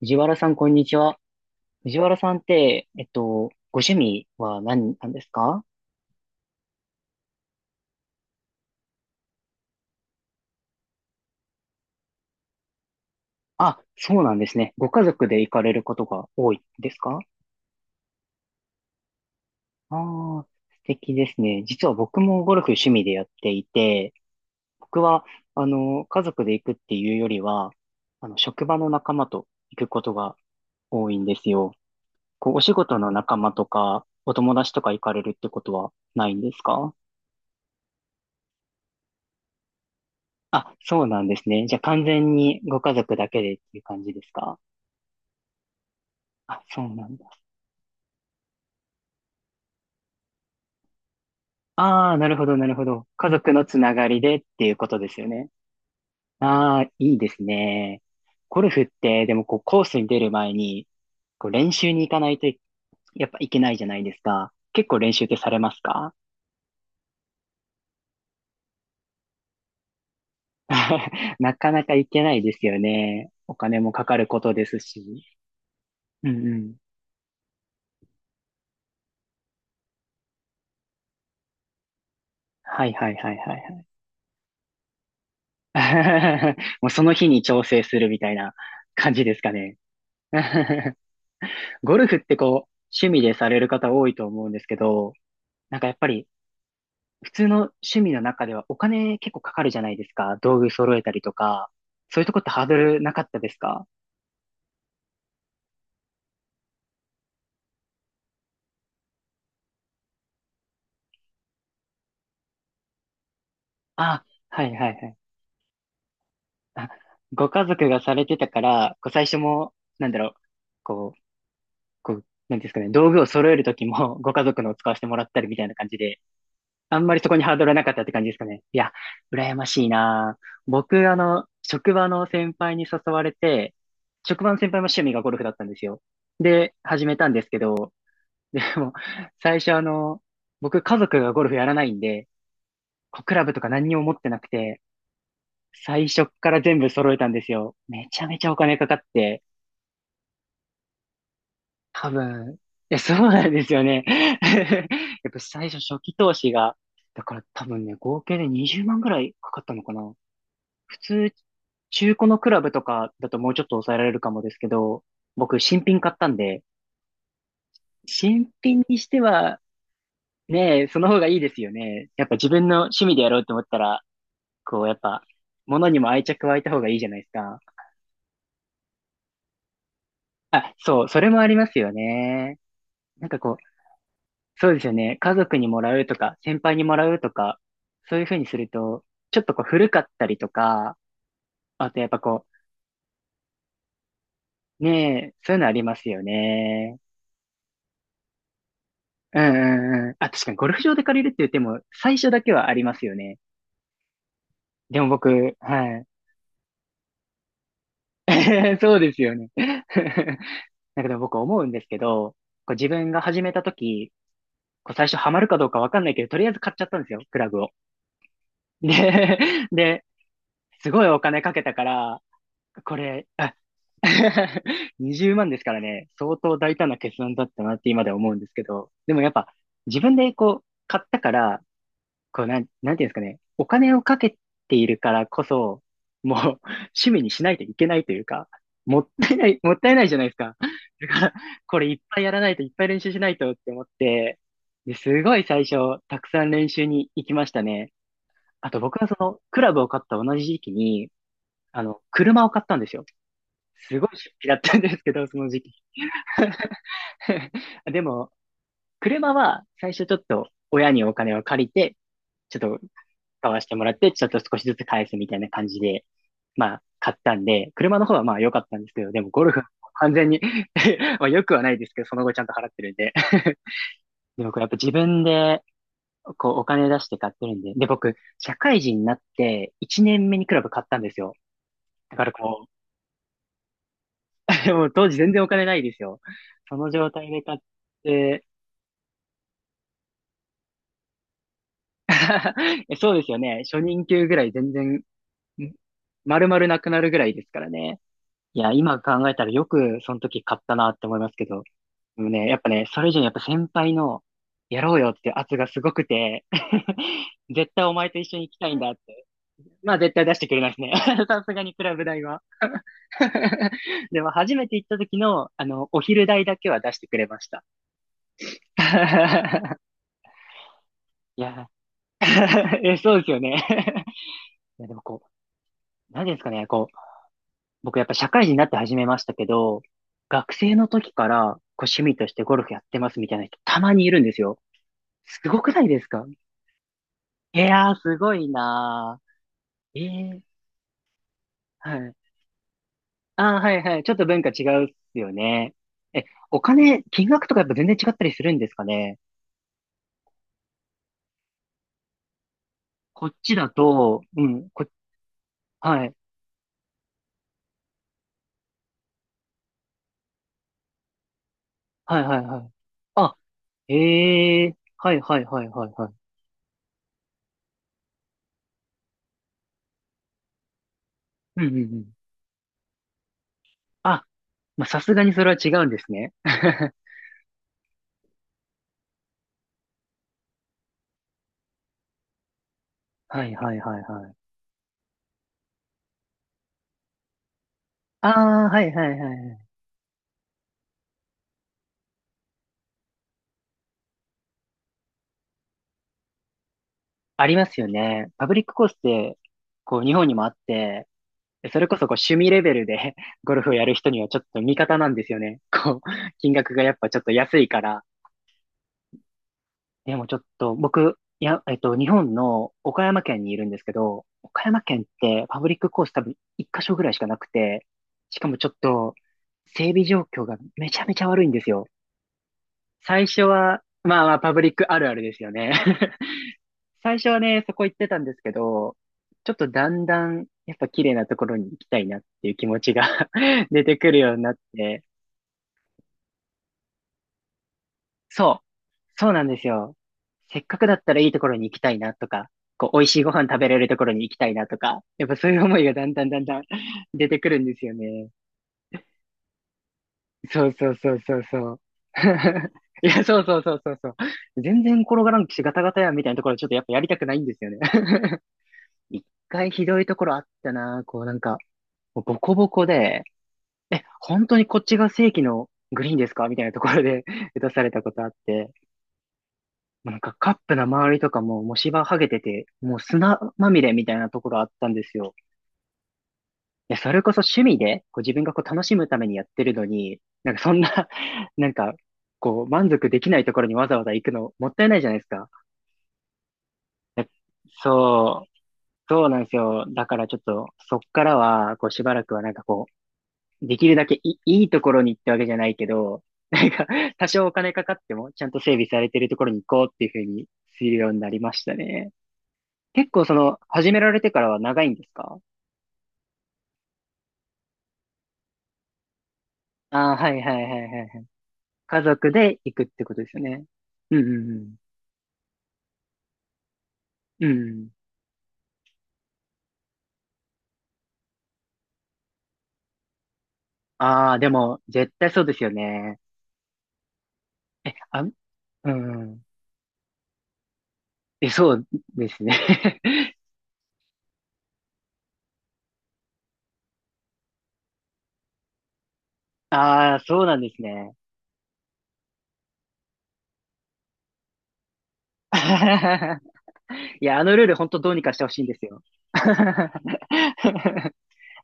藤原さん、こんにちは。藤原さんって、ご趣味は何なんですか？あ、そうなんですね。ご家族で行かれることが多いですか？ああー、素敵ですね。実は僕もゴルフ趣味でやっていて、僕は、家族で行くっていうよりは、職場の仲間と行くことが多いんですよ。こう、お仕事の仲間とか、お友達とか行かれるってことはないんですか？あ、そうなんですね。じゃあ完全にご家族だけでっていう感じですか？あ、そうなんだ。ああ、なるほど、なるほど。家族のつながりでっていうことですよね。ああ、いいですね。ゴルフって、でもこうコースに出る前に、こう練習に行かないとやっぱいけないじゃないですか。結構練習ってされますか？ なかなか行けないですよね。お金もかかることですし。うんうん。はいはいはいはいはい。もうその日に調整するみたいな感じですかね。ゴルフってこう、趣味でされる方多いと思うんですけど、なんかやっぱり普通の趣味の中ではお金結構かかるじゃないですか。道具揃えたりとか。そういうとこってハードルなかったですか？あ、はいはいはい。あ、ご家族がされてたから、こう最初も、なんだろう、こう、こう、なんていうんですかね、道具を揃えるときもご家族のを使わせてもらったりみたいな感じであんまりそこにハードルはなかったって感じですかね。いや、羨ましいな。僕、職場の先輩に誘われて、職場の先輩も趣味がゴルフだったんですよ。で、始めたんですけど、でも、最初僕家族がゴルフやらないんで、こうクラブとか何にも持ってなくて、最初から全部揃えたんですよ。めちゃめちゃお金かかって、多分、いや、そうなんですよね。やっぱ最初初期投資が、だから多分ね、合計で20万ぐらいかかったのかな。普通、中古のクラブとかだともうちょっと抑えられるかもですけど、僕、新品買ったんで、新品にしては、ね、その方がいいですよね。やっぱ自分の趣味でやろうと思ったら、こう、やっぱ、物にも愛着湧いた方がいいじゃないですか。あ、そう、それもありますよね。なんかこう、そうですよね。家族にもらうとか、先輩にもらうとか、そういう風にすると、ちょっとこう古かったりとか、あとやっぱこう、ねえ、そういうのありますよね。うんうんうん。あ、確かにゴルフ場で借りるって言っても、最初だけはありますよね。でも僕、はい。そうですよね。だけど僕思うんですけど、こう自分が始めた時、こう最初ハマるかどうかわかんないけど、とりあえず買っちゃったんですよ、クラブを。で、で、すごいお金かけたから、これ、あ 20万ですからね、相当大胆な決断だったなって今では思うんですけど、でもやっぱ自分でこう買ったから、こうなん、なんていうんですかね。お金をかけているからこそ、もう 趣味にしないといけないというか、もったいない、もったいないじゃないですか。だから、これいっぱいやらないと、いっぱい練習しないとって思って、ですごい最初、たくさん練習に行きましたね。あと僕はその、クラブを買った同じ時期に、車を買ったんですよ。すごい出費だったんですけど、その時期。でも、車は最初ちょっと親にお金を借りて、ちょっと買わしてもらって、ちょっと少しずつ返すみたいな感じで、まあ、買ったんで、車の方はまあ良かったんですけど、でもゴルフは 完全に まあ良くはないですけど、その後ちゃんと払ってるんで。でもこれやっぱ自分で、こうお金出して買ってるんで。で、僕、社会人になって1年目にクラブ買ったんですよ。だからこう、もう当時全然お金ないですよ。その状態で買って、そうですよね。初任給ぐらい全然、ん丸々なくなるぐらいですからね。いや、今考えたらよくその時買ったなって思いますけど、でもね、やっぱね、それ以上にやっぱ先輩の、やろうよって圧がすごくて、絶対お前と一緒に行きたいんだって。まあ絶対出してくれないですね。さすがにクラブ代は。でも初めて行った時の、お昼代だけは出してくれました。いや、え、そうですよね。いや、でもこう、何ですかね、こう、僕やっぱ社会人になって始めましたけど、学生の時からこう趣味としてゴルフやってますみたいな人たまにいるんですよ。すごくないですか？いやー、すごいなー。ええはい。あーはいはい。ちょっと文化違うっすよね。え、お金、金額とかやっぱ全然違ったりするんですかね？こっちだと、うん、こ、はい、はいはいはい。あ、ええはいはいはいはいはい。うんうんうん。あ、まあ、さすがにそれは違うんですね。はいはいはいはい。ああ、はいはいはいはい。ありますよね。パブリックコースって、こう日本にもあって、それこそこう趣味レベルで ゴルフをやる人にはちょっと味方なんですよね。こう、金額がやっぱちょっと安いから。でもちょっと僕、いや、日本の岡山県にいるんですけど、岡山県ってパブリックコース多分一箇所ぐらいしかなくて、しかもちょっと整備状況がめちゃめちゃ悪いんですよ。最初は、まあまあパブリックあるあるですよね。最初はね、そこ行ってたんですけど、ちょっとだんだん、やっぱ綺麗なところに行きたいなっていう気持ちが 出てくるようになって、そう、そうなんですよ。せっかくだったらいいところに行きたいなとか、こう、美味しいご飯食べれるところに行きたいなとか、やっぱそういう思いがだんだんだんだん 出てくるんですよね。そうそうそうそうそう。いや、そうそうそうそうそう。全然転がらんし、ガタガタやんみたいなところちょっとやっぱやりたくないんですよね。一回ひどいところあったな、こうなんか、もうボコボコで、え、本当にこっちが正規のグリーンですかみたいなところで 打たされたことあって、もうなんかカップの周りとかももう芝剥げてて、もう砂まみれみたいなところあったんですよ。いや、それこそ趣味で、こう自分がこう楽しむためにやってるのに、なんかそんな なんか、こう満足できないところにわざわざ行くのもったいないじゃないですか。え、そう、そうなんですよ。だからちょっと、そっからは、こうしばらくはなんかこう、できるだけいいいところに行ってわけじゃないけど、なんか、多少お金かかっても、ちゃんと整備されてるところに行こうっていうふうにするようになりましたね。結構その、始められてからは長いんですか？ああー、はいはいはいはいはい。家族で行くってことですよね。うんうんうん。うん。ああ、でも、絶対そうですよね。え、あ、うん。え、そうですね。ああ、そうなんですね。いや、あのルール本当どうにかしてほしいんですよ。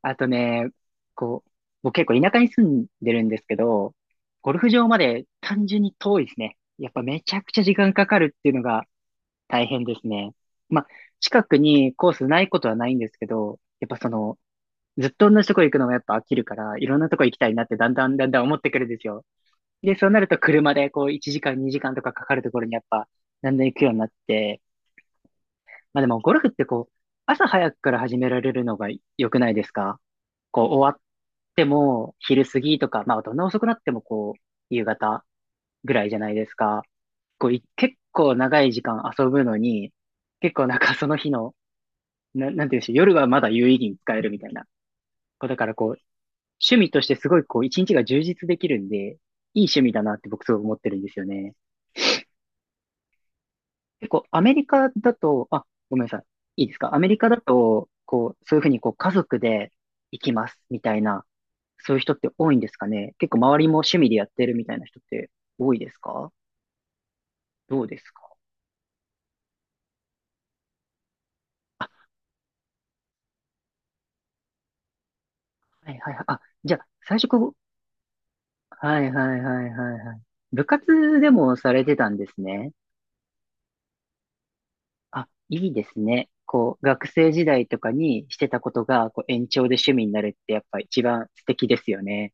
あとね、こう、僕結構田舎に住んでるんですけど、ゴルフ場まで単純に遠いですね。やっぱめちゃくちゃ時間かかるっていうのが大変ですね。まあ、近くにコースないことはないんですけど、やっぱその、ずっと同じとこ行くのもやっぱ飽きるから、いろんなとこ行きたいなってだんだんだんだん思ってくるんですよ。で、そうなると車でこう1時間2時間とかかかるところにやっぱだんだん行くようになって、まあでもゴルフってこう、朝早くから始められるのが良くないですか？こう、終わっても、昼過ぎとか、まあ、どんな遅くなっても、こう、夕方ぐらいじゃないですか。こう、い結構長い時間遊ぶのに、結構なんかその日の、な、なんていうんでしょう、夜はまだ有意義に使えるみたいな。こう、だからこう、趣味としてすごいこう、一日が充実できるんで、いい趣味だなって僕すごい思ってるんですよね。結構、アメリカだと、あ、ごめんなさい。いいですか？アメリカだと、こう、そういうふうにこう、家族で行きますみたいな、そういう人って多いんですかね。結構周りも趣味でやってるみたいな人って多いですか？どうですか？あ、はいはいはい。あ、じゃあ、最初こう、はいはいはいはいはい。部活でもされてたんですね。あ、いいですね。こう、学生時代とかにしてたことが、こう、延長で趣味になるってやっぱ一番素敵ですよね。